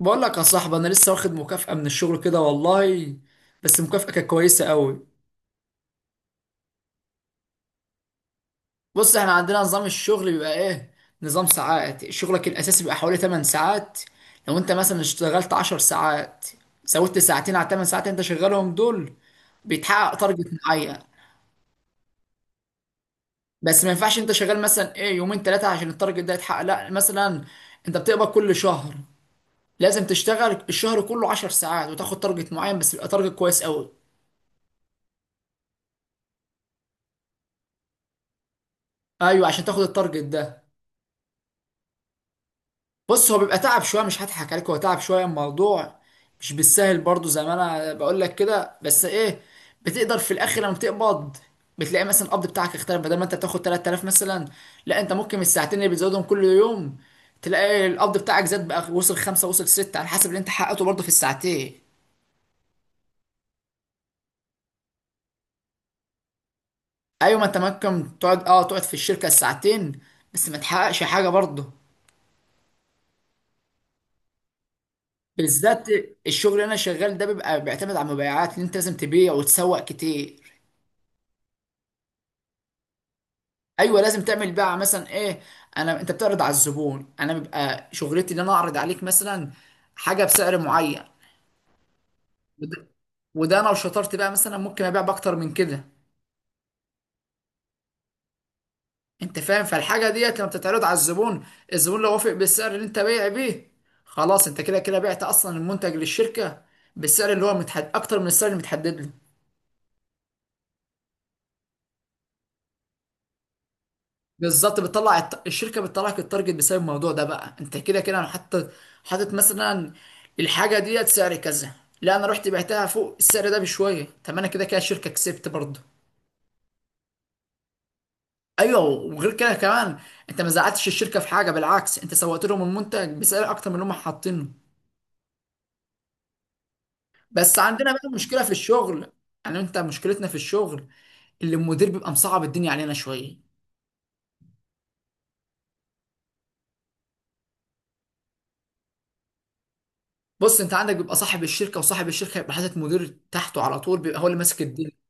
بقول لك يا صاحبي، انا لسه واخد مكافأة من الشغل كده والله. بس المكافأة كانت كويسة قوي. بص، احنا عندنا نظام الشغل بيبقى ايه، نظام ساعات شغلك الاساسي بيبقى حوالي 8 ساعات. لو انت مثلا اشتغلت 10 ساعات، زودت ساعتين على 8 ساعات انت شغالهم دول، بيتحقق تارجت معين. بس ما ينفعش انت شغال مثلا ايه يومين ثلاثة عشان التارجت ده يتحقق، لا مثلا انت بتقبض كل شهر، لازم تشتغل الشهر كله 10 ساعات وتاخد تارجت معين بس، يبقى تارجت كويس قوي. ايوه عشان تاخد التارجت ده. بص هو بيبقى تعب شويه، مش هضحك عليك، هو تعب شويه الموضوع. مش بالسهل برضو زي ما انا بقول لك كده، بس ايه، بتقدر في الاخر لما بتقبض بتلاقي مثلا القبض بتاعك اختلف. بدل ما انت بتاخد 3,000 مثلا، لا انت ممكن الساعتين اللي بتزودهم كل يوم تلاقي القبض بتاعك زاد، بقى وصل خمسة وصل ستة على حسب اللي انت حققته برضه في الساعتين. ايوه، ما انت ممكن تقعد في الشركه الساعتين بس ما تحققش حاجه برضه. بالذات الشغل اللي انا شغال ده بيبقى بيعتمد على المبيعات، اللي انت لازم تبيع وتسوق كتير. ايوه لازم تعمل بقى مثلا ايه. انت بتعرض على الزبون، انا بيبقى شغلتي ان انا اعرض عليك مثلا حاجه بسعر معين. وده, وده، انا لو شطرت بقى مثلا ممكن ابيع باكتر من كده. انت فاهم؟ فالحاجه ديت لما بتتعرض على الزبون، الزبون لو وافق بالسعر اللي انت بايع بيه، خلاص انت كده كده بعت اصلا المنتج للشركه بالسعر اللي هو متحد اكتر من السعر اللي متحدد له. بالظبط، الشركه بتطلع لك التارجت بسبب الموضوع ده. بقى انت كده كده انا حاطط مثلا الحاجه ديت سعر كذا، لا انا رحت بعتها فوق السعر ده بشويه. طب انا كده كده الشركه كسبت برضه. ايوه وغير كده كمان، انت ما زعلتش الشركه في حاجه، بالعكس انت سوقت لهم المنتج بسعر اكتر من اللي هم حاطينه. بس عندنا بقى مشكله في الشغل. يعني انت مشكلتنا في الشغل اللي المدير بيبقى مصعب الدنيا علينا شويه. بص، انت عندك بيبقى صاحب الشركه، وصاحب الشركه يبقى حاطط مدير تحته على طول بيبقى هو اللي ماسك الدنيا.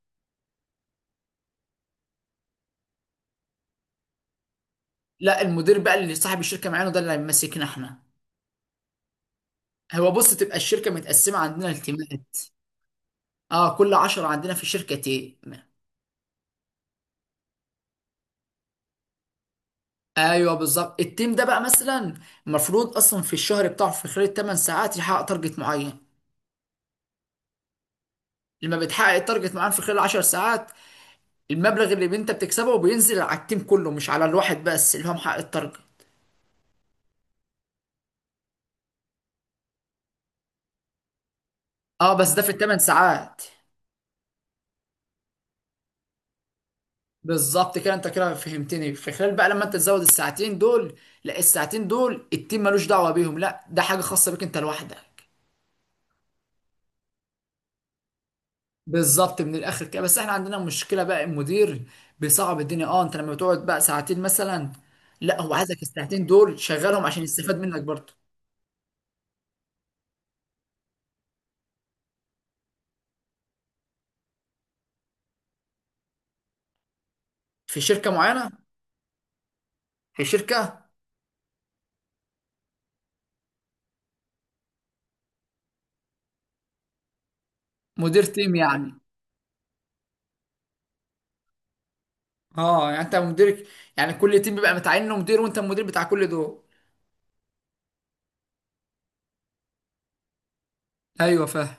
لا المدير بقى اللي صاحب الشركه معانا ده اللي هيمسكنا احنا. هو بص، تبقى الشركه متقسمه عندنا التيمات. اه، كل عشرة عندنا في الشركه تيم. ايوه بالظبط، التيم ده بقى مثلا المفروض اصلا في الشهر بتاعه في خلال 8 ساعات يحقق تارجت معين. لما بتحقق التارجت معين في خلال 10 ساعات، المبلغ اللي انت بتكسبه بينزل على التيم كله مش على الواحد بس اللي هو محقق التارجت. اه بس ده في الثمان ساعات. بالظبط كده، انت كده فهمتني. في خلال بقى لما انت تزود الساعتين دول، لا الساعتين دول التيم ملوش دعوه بيهم، لا ده حاجه خاصه بيك انت لوحدك. بالظبط من الاخر كده. بس احنا عندنا مشكله بقى، المدير بيصعب الدنيا. اه انت لما بتقعد بقى ساعتين مثلا، لا هو عايزك الساعتين دول شغالهم عشان يستفاد منك برضه. في شركه معينه. في شركه. مدير تيم يعني. اه، يعني انت مديرك، يعني كل تيم بيبقى متعين له مدير وانت المدير بتاع كل دول. ايوه فاهم.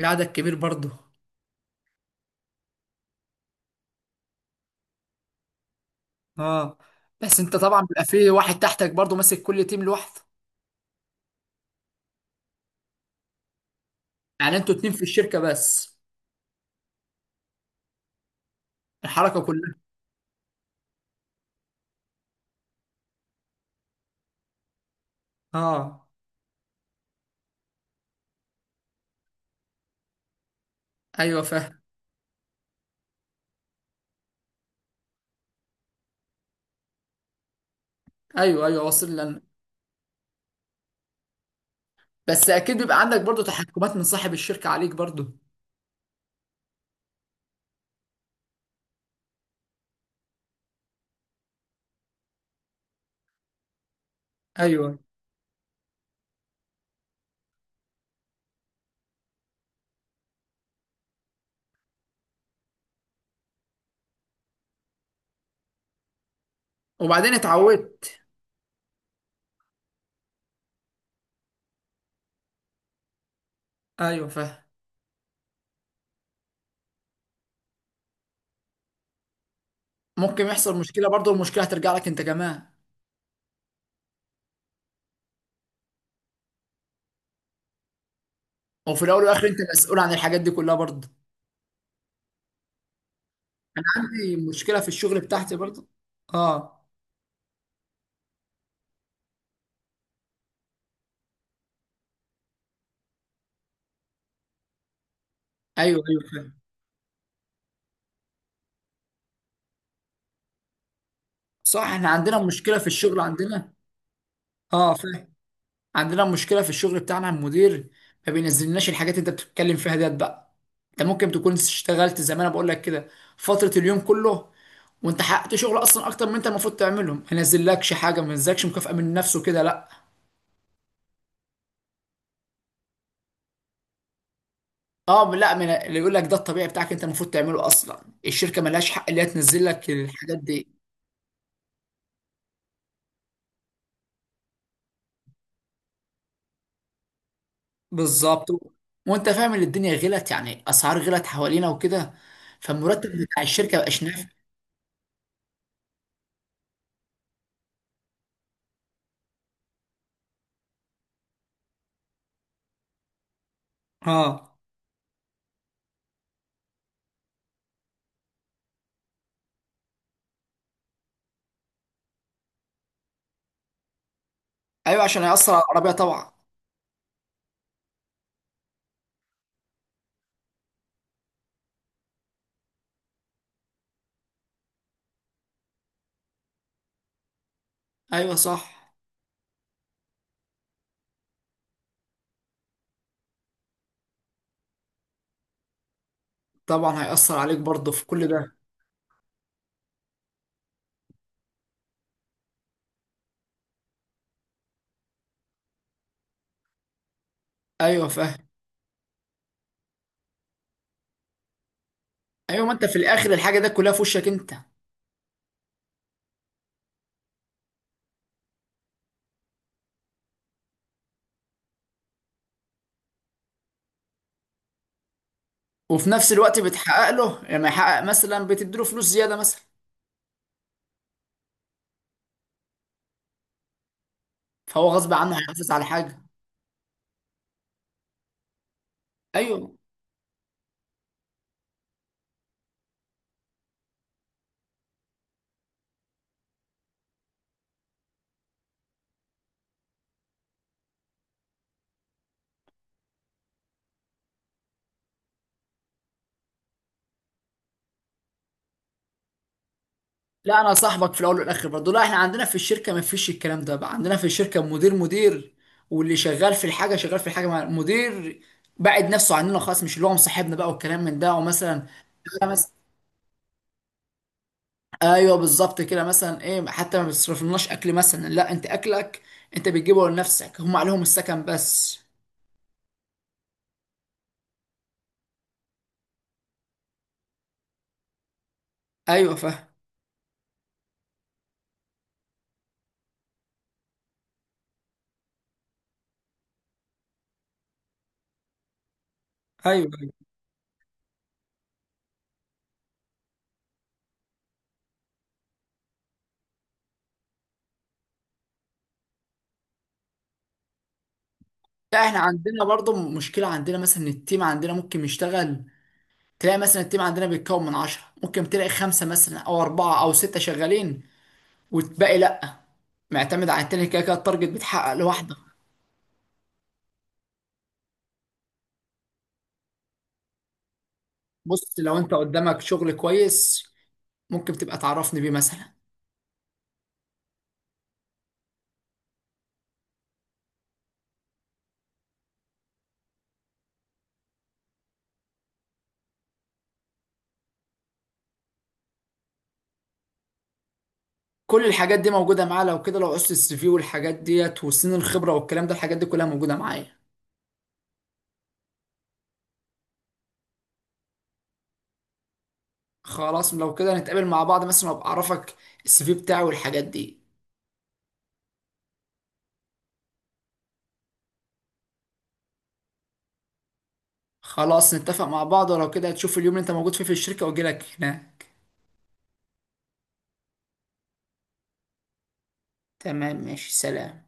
العدد كبير برضه. اه بس انت طبعا بيبقى في واحد تحتك برضه ماسك كل تيم لوحده. يعني انتوا اتنين في الشركه بس. الحركه كلها. اه. ايوه فاهم. ايوه ايوه، واصل لنا. بس اكيد بيبقى عندك برضه تحكمات من صاحب الشركه عليك برضه. ايوه. وبعدين اتعودت. ايوه فاهم. ممكن يحصل مشكله برضه، المشكله هترجع لك انت كمان. وفي الاول والاخر انت مسؤول عن الحاجات دي كلها برضه. عندي مشكله في الشغل بتاعتي برضه. اه. ايوه ايوه فاهم. صح، احنا عندنا مشكله في الشغل عندنا. اه فاهم. عندنا مشكله في الشغل بتاعنا، المدير ما بينزلناش الحاجات اللي انت بتتكلم فيها ديت بقى. انت ممكن تكون اشتغلت زي ما انا بقول لك كده فتره، اليوم كله، وانت حققت شغل اصلا اكتر من انت المفروض تعمله، ما ينزلكش حاجه، ما ينزلكش مكافاه من نفسه كده، لا. اه لا، من اللي يقول لك ده؟ الطبيعي بتاعك انت المفروض تعمله اصلا، الشركه ملهاش حق اللي هي تنزل لك الحاجات دي. بالظبط. وانت فاهم ان الدنيا غلت، يعني اسعار غلت حوالينا وكده، فالمرتب بتاع الشركه مبقاش نافع. اه. ايوه عشان هيأثر على العربيه طبعا. ايوه صح. طبعا هيأثر عليك برضه في كل ده. ايوه فاهم. ايوه ما انت في الاخر الحاجه ده كلها في وشك انت. وفي نفس الوقت بتحقق له، لما يحقق مثلا بتديله فلوس زياده مثلا، فهو غصب عنه هيحافظ على حاجه. ايوه. لا انا صاحبك في الاول والاخر برضه. لا احنا عندنا في الشركه ما فيش الكلام ده. بقى عندنا في الشركه مدير مدير، واللي شغال في الحاجه شغال في الحاجه مع المدير، بعد نفسه عننا خالص، مش اللي هو مصاحبنا بقى والكلام من ده ومثلا. ايوه بالظبط كده. مثلا ايه، حتى ما بتصرفلناش اكل مثلا، لا انت اكلك انت بتجيبه لنفسك، هم عليهم السكن بس. ايوه فاهم. ايوه أيوة. لا احنا عندنا برضه مشكله عندنا مثلا، إن التيم عندنا ممكن يشتغل، تلاقي مثلا التيم عندنا بيتكون من عشرة، ممكن تلاقي خمسه مثلا او اربعه او سته شغالين والباقي لا، معتمد على التاني، كده كده التارجت بيتحقق لوحده. بص لو انت قدامك شغل كويس، ممكن تبقى تعرفني بيه مثلا. كل الحاجات دي موجوده معاه. لو كده، لو قصه الـCV والحاجات ديت وسن الخبره والكلام ده، الحاجات دي كلها موجوده معايا. خلاص لو كده نتقابل مع بعض مثلا، وابقى اعرفك الـCV بتاعي والحاجات دي. خلاص نتفق مع بعض، ولو كده هتشوف اليوم اللي انت موجود فيه في الشركه واجي لك هناك. تمام ماشي، سلام.